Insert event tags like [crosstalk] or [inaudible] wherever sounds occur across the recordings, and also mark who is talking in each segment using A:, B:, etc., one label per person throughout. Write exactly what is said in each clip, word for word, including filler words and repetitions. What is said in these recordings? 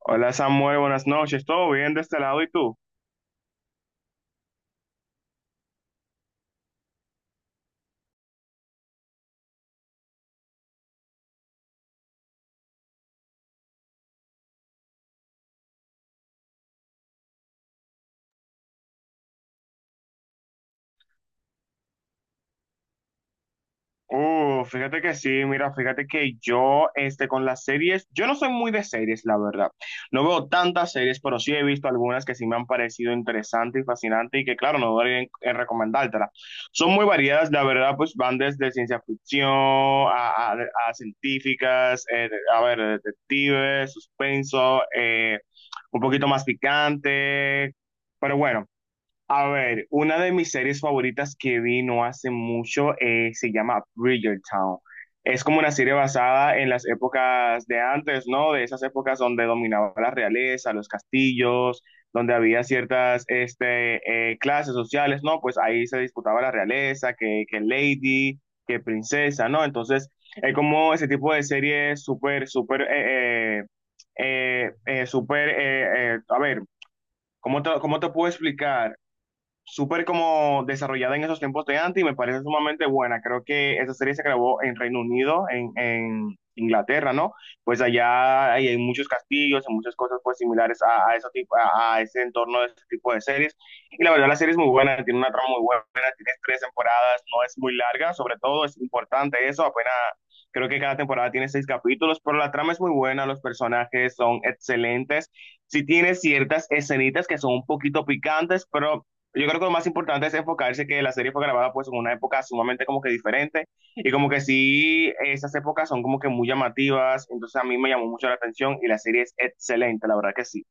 A: Hola Samuel, buenas noches. ¿Todo bien de este lado y tú? Uh, fíjate que sí, mira, fíjate que yo, este, con las series, yo no soy muy de series, la verdad. No veo tantas series, pero sí he visto algunas que sí me han parecido interesantes y fascinantes y que, claro, no dudaría en, en recomendártelas. Son muy variadas, la verdad, pues van desde ciencia ficción a, a- a científicas, eh, de- a ver, detectives, suspenso, eh, un poquito más picante, pero bueno. A ver, una de mis series favoritas que vi no hace mucho eh, se llama Bridgerton. Es como una serie basada en las épocas de antes, ¿no? De esas épocas donde dominaba la realeza, los castillos, donde había ciertas este, eh, clases sociales, ¿no? Pues ahí se disputaba la realeza, que, que lady, que princesa, ¿no? Entonces, es como ese tipo de serie súper, súper, eh, eh, eh, eh, súper, eh, eh, a ver, ¿cómo te, ¿cómo te puedo explicar? Súper como desarrollada en esos tiempos de antes y me parece sumamente buena. Creo que esa serie se grabó en Reino Unido, en, en Inglaterra, ¿no? Pues allá hay, hay muchos castillos, hay muchas cosas pues similares a, a, eso tipo, a, a ese entorno de ese tipo de series. Y la verdad la serie es muy buena, tiene una trama muy buena, tiene tres temporadas, no es muy larga, sobre todo es importante eso, apenas. Creo que cada temporada tiene seis capítulos, pero la trama es muy buena, los personajes son excelentes. Sí tiene ciertas escenitas que son un poquito picantes, pero yo creo que lo más importante es enfocarse que la serie fue grabada pues en una época sumamente como que diferente y como que sí, esas épocas son como que muy llamativas, entonces a mí me llamó mucho la atención y la serie es excelente, la verdad que sí.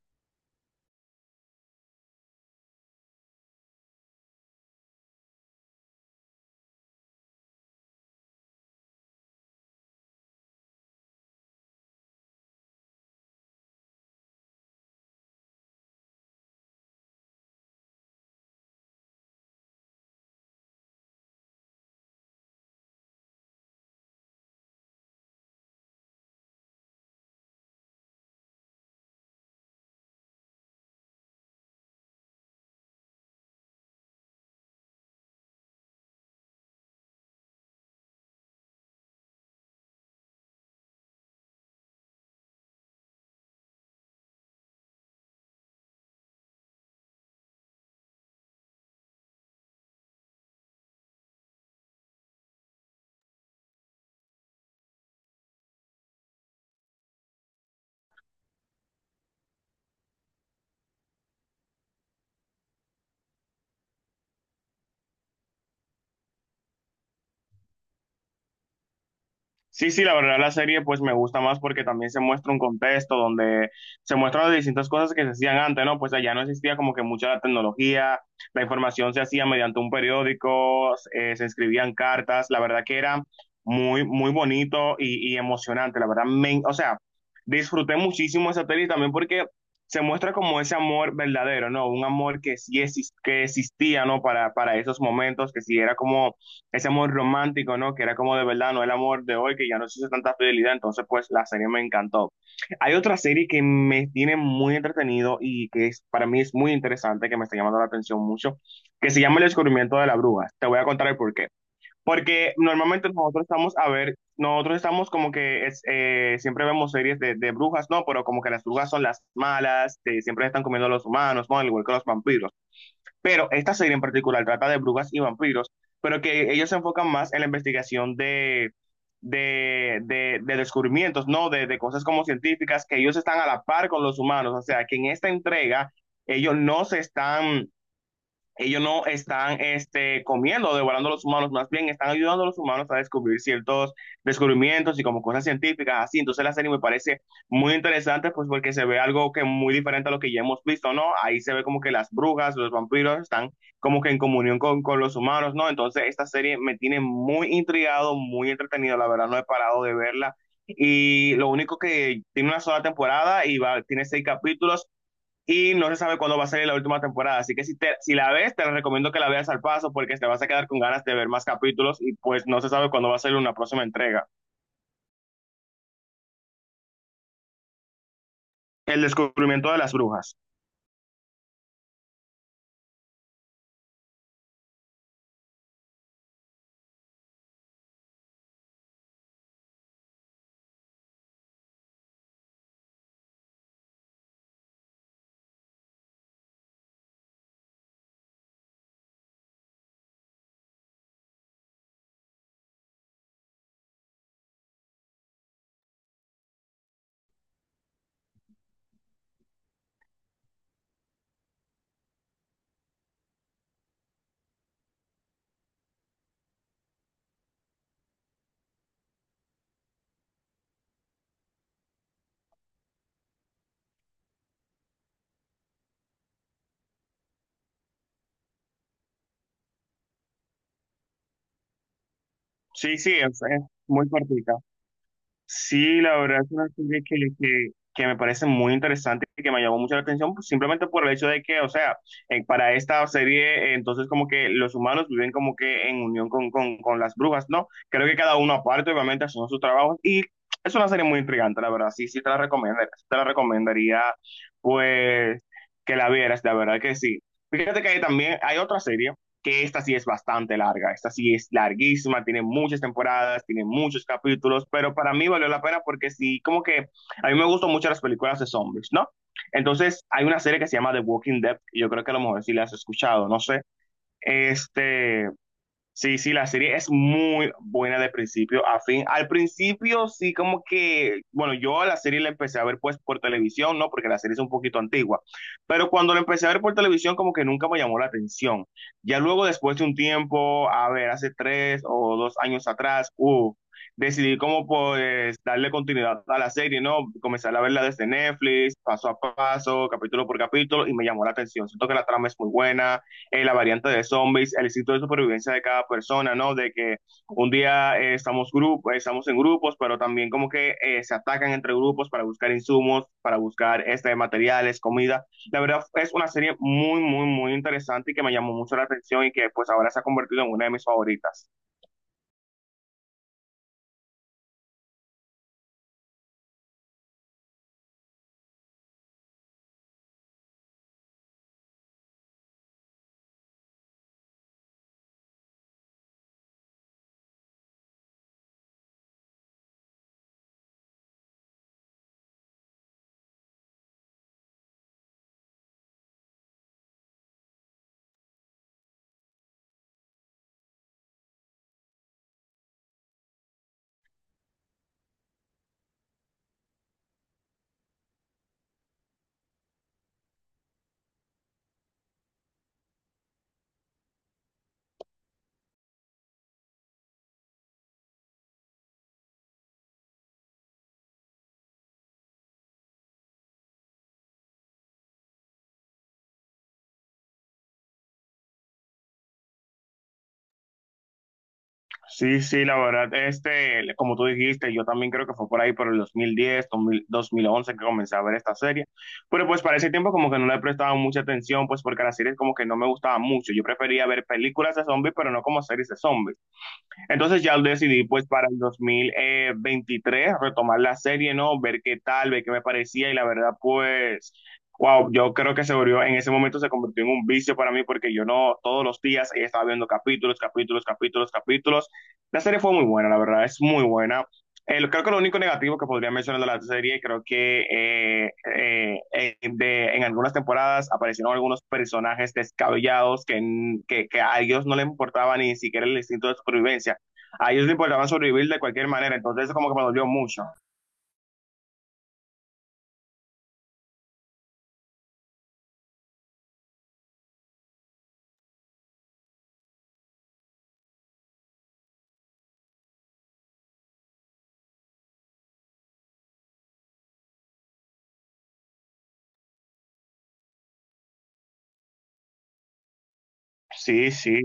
A: Sí, sí, la verdad la serie pues me gusta más porque también se muestra un contexto donde se muestran las distintas cosas que se hacían antes, ¿no? Pues allá no existía como que mucha la tecnología, la información se hacía mediante un periódico, eh, se escribían cartas, la verdad que era muy, muy bonito y, y emocionante, la verdad, me, o sea, disfruté muchísimo esa serie también porque se muestra como ese amor verdadero, ¿no? Un amor que sí exis- que existía, ¿no? Para, para esos momentos, que sí era como ese amor romántico, ¿no? Que era como de verdad, no el amor de hoy, que ya no existe tanta fidelidad, entonces pues la serie me encantó. Hay otra serie que me tiene muy entretenido y que es, para mí es muy interesante, que me está llamando la atención mucho, que se llama El descubrimiento de la bruja. Te voy a contar el porqué. Porque normalmente nosotros estamos, a ver, nosotros estamos como que es, eh, siempre vemos series de, de brujas, ¿no? Pero como que las brujas son las malas, que siempre están comiendo a los humanos, ¿no? Al igual que los vampiros. Pero esta serie en particular trata de brujas y vampiros, pero que ellos se enfocan más en la investigación de, de, de, de descubrimientos, ¿no? De, de cosas como científicas, que ellos están a la par con los humanos. O sea, que en esta entrega ellos no se están ellos no están este, comiendo, o devorando a los humanos, más bien están ayudando a los humanos a descubrir ciertos descubrimientos y como cosas científicas, así. Entonces la serie me parece muy interesante, pues porque se ve algo que muy diferente a lo que ya hemos visto, ¿no? Ahí se ve como que las brujas, los vampiros están como que en comunión con, con los humanos, ¿no? Entonces esta serie me tiene muy intrigado, muy entretenido, la verdad no he parado de verla. Y lo único que tiene una sola temporada y va, tiene seis capítulos y no se sabe cuándo va a salir la última temporada. Así que si, te, si la ves, te recomiendo que la veas al paso porque te vas a quedar con ganas de ver más capítulos y pues no se sabe cuándo va a salir una próxima entrega. El descubrimiento de las brujas. Sí, sí, es, es muy cortita. Sí, la verdad es una serie que, que, que me parece muy interesante y que me llamó mucho la atención, pues, simplemente por el hecho de que, o sea, eh, para esta serie, eh, entonces como que los humanos viven como que en unión con, con, con las brujas, ¿no? Creo que cada uno aparte, obviamente, haciendo sus trabajos y es una serie muy intrigante, la verdad, sí, sí te la recomendaría, te la recomendaría, pues, que la vieras, la verdad que sí. Fíjate que hay también hay otra serie que esta sí es bastante larga, esta sí es larguísima, tiene muchas temporadas, tiene muchos capítulos, pero para mí valió la pena porque sí, como que a mí me gustan mucho las películas de zombies, ¿no? Entonces, hay una serie que se llama The Walking Dead, y yo creo que a lo mejor sí la has escuchado, no sé. Este, Sí, sí, la serie es muy buena de principio a fin. Al principio sí como que, bueno, yo a la serie la empecé a ver pues por televisión, ¿no? Porque la serie es un poquito antigua. Pero cuando la empecé a ver por televisión como que nunca me llamó la atención. Ya luego después de un tiempo, a ver, hace tres o dos años atrás, uh, decidí como pues darle continuidad a la serie, ¿no? Comenzar a verla desde Netflix, paso a paso, capítulo por capítulo, y me llamó la atención. Siento que la trama es muy buena, eh, la variante de zombies, el instinto de supervivencia de cada persona, ¿no? De que un día eh, estamos, grupo, estamos en grupos, pero también como que eh, se atacan entre grupos para buscar insumos, para buscar este, materiales, comida. La verdad es una serie muy, muy, muy interesante y que me llamó mucho la atención y que pues ahora se ha convertido en una de mis favoritas. Sí, sí, la verdad, este, como tú dijiste, yo también creo que fue por ahí por el dos mil diez, dos mil, dos mil once que comencé a ver esta serie, pero pues para ese tiempo como que no le prestaba mucha atención, pues porque las series como que no me gustaban mucho, yo prefería ver películas de zombies, pero no como series de zombies. Entonces ya decidí pues para el dos mil veintitrés retomar la serie, ¿no? Ver qué tal, ver qué me parecía y la verdad pues, wow, yo creo que se volvió, en ese momento se convirtió en un vicio para mí porque yo no todos los días eh, estaba viendo capítulos, capítulos, capítulos, capítulos. La serie fue muy buena, la verdad, es muy buena. Eh, lo- creo que lo único negativo que podría mencionar de la serie, creo que eh, eh, eh, de- en algunas temporadas aparecieron algunos personajes descabellados que, n- que, que a ellos no les importaba ni siquiera el instinto de supervivencia a ellos les importaba sobrevivir de cualquier manera, entonces eso como que me dolió mucho. Sí, sí,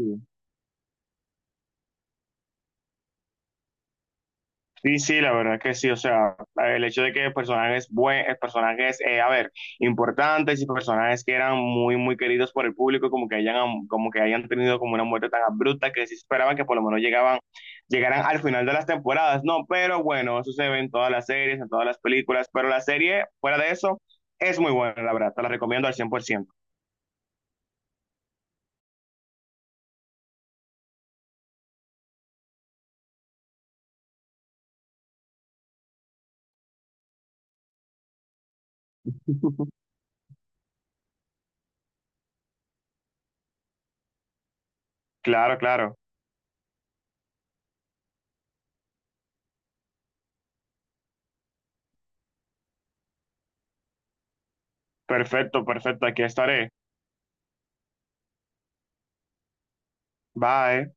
A: sí, sí, la verdad es que sí, o sea, el hecho de que personajes buenos, personajes, eh, a ver, importantes y personajes que eran muy, muy queridos por el público, como que hayan, como que hayan tenido como una muerte tan abrupta que se esperaba que por lo menos llegaban, llegaran al final de las temporadas, no, pero bueno, eso se ve en todas las series, en todas las películas, pero la serie, fuera de eso, es muy buena, la verdad, te la recomiendo al cien por ciento. [laughs] Claro, claro, perfecto, perfecto, aquí estaré. Bye.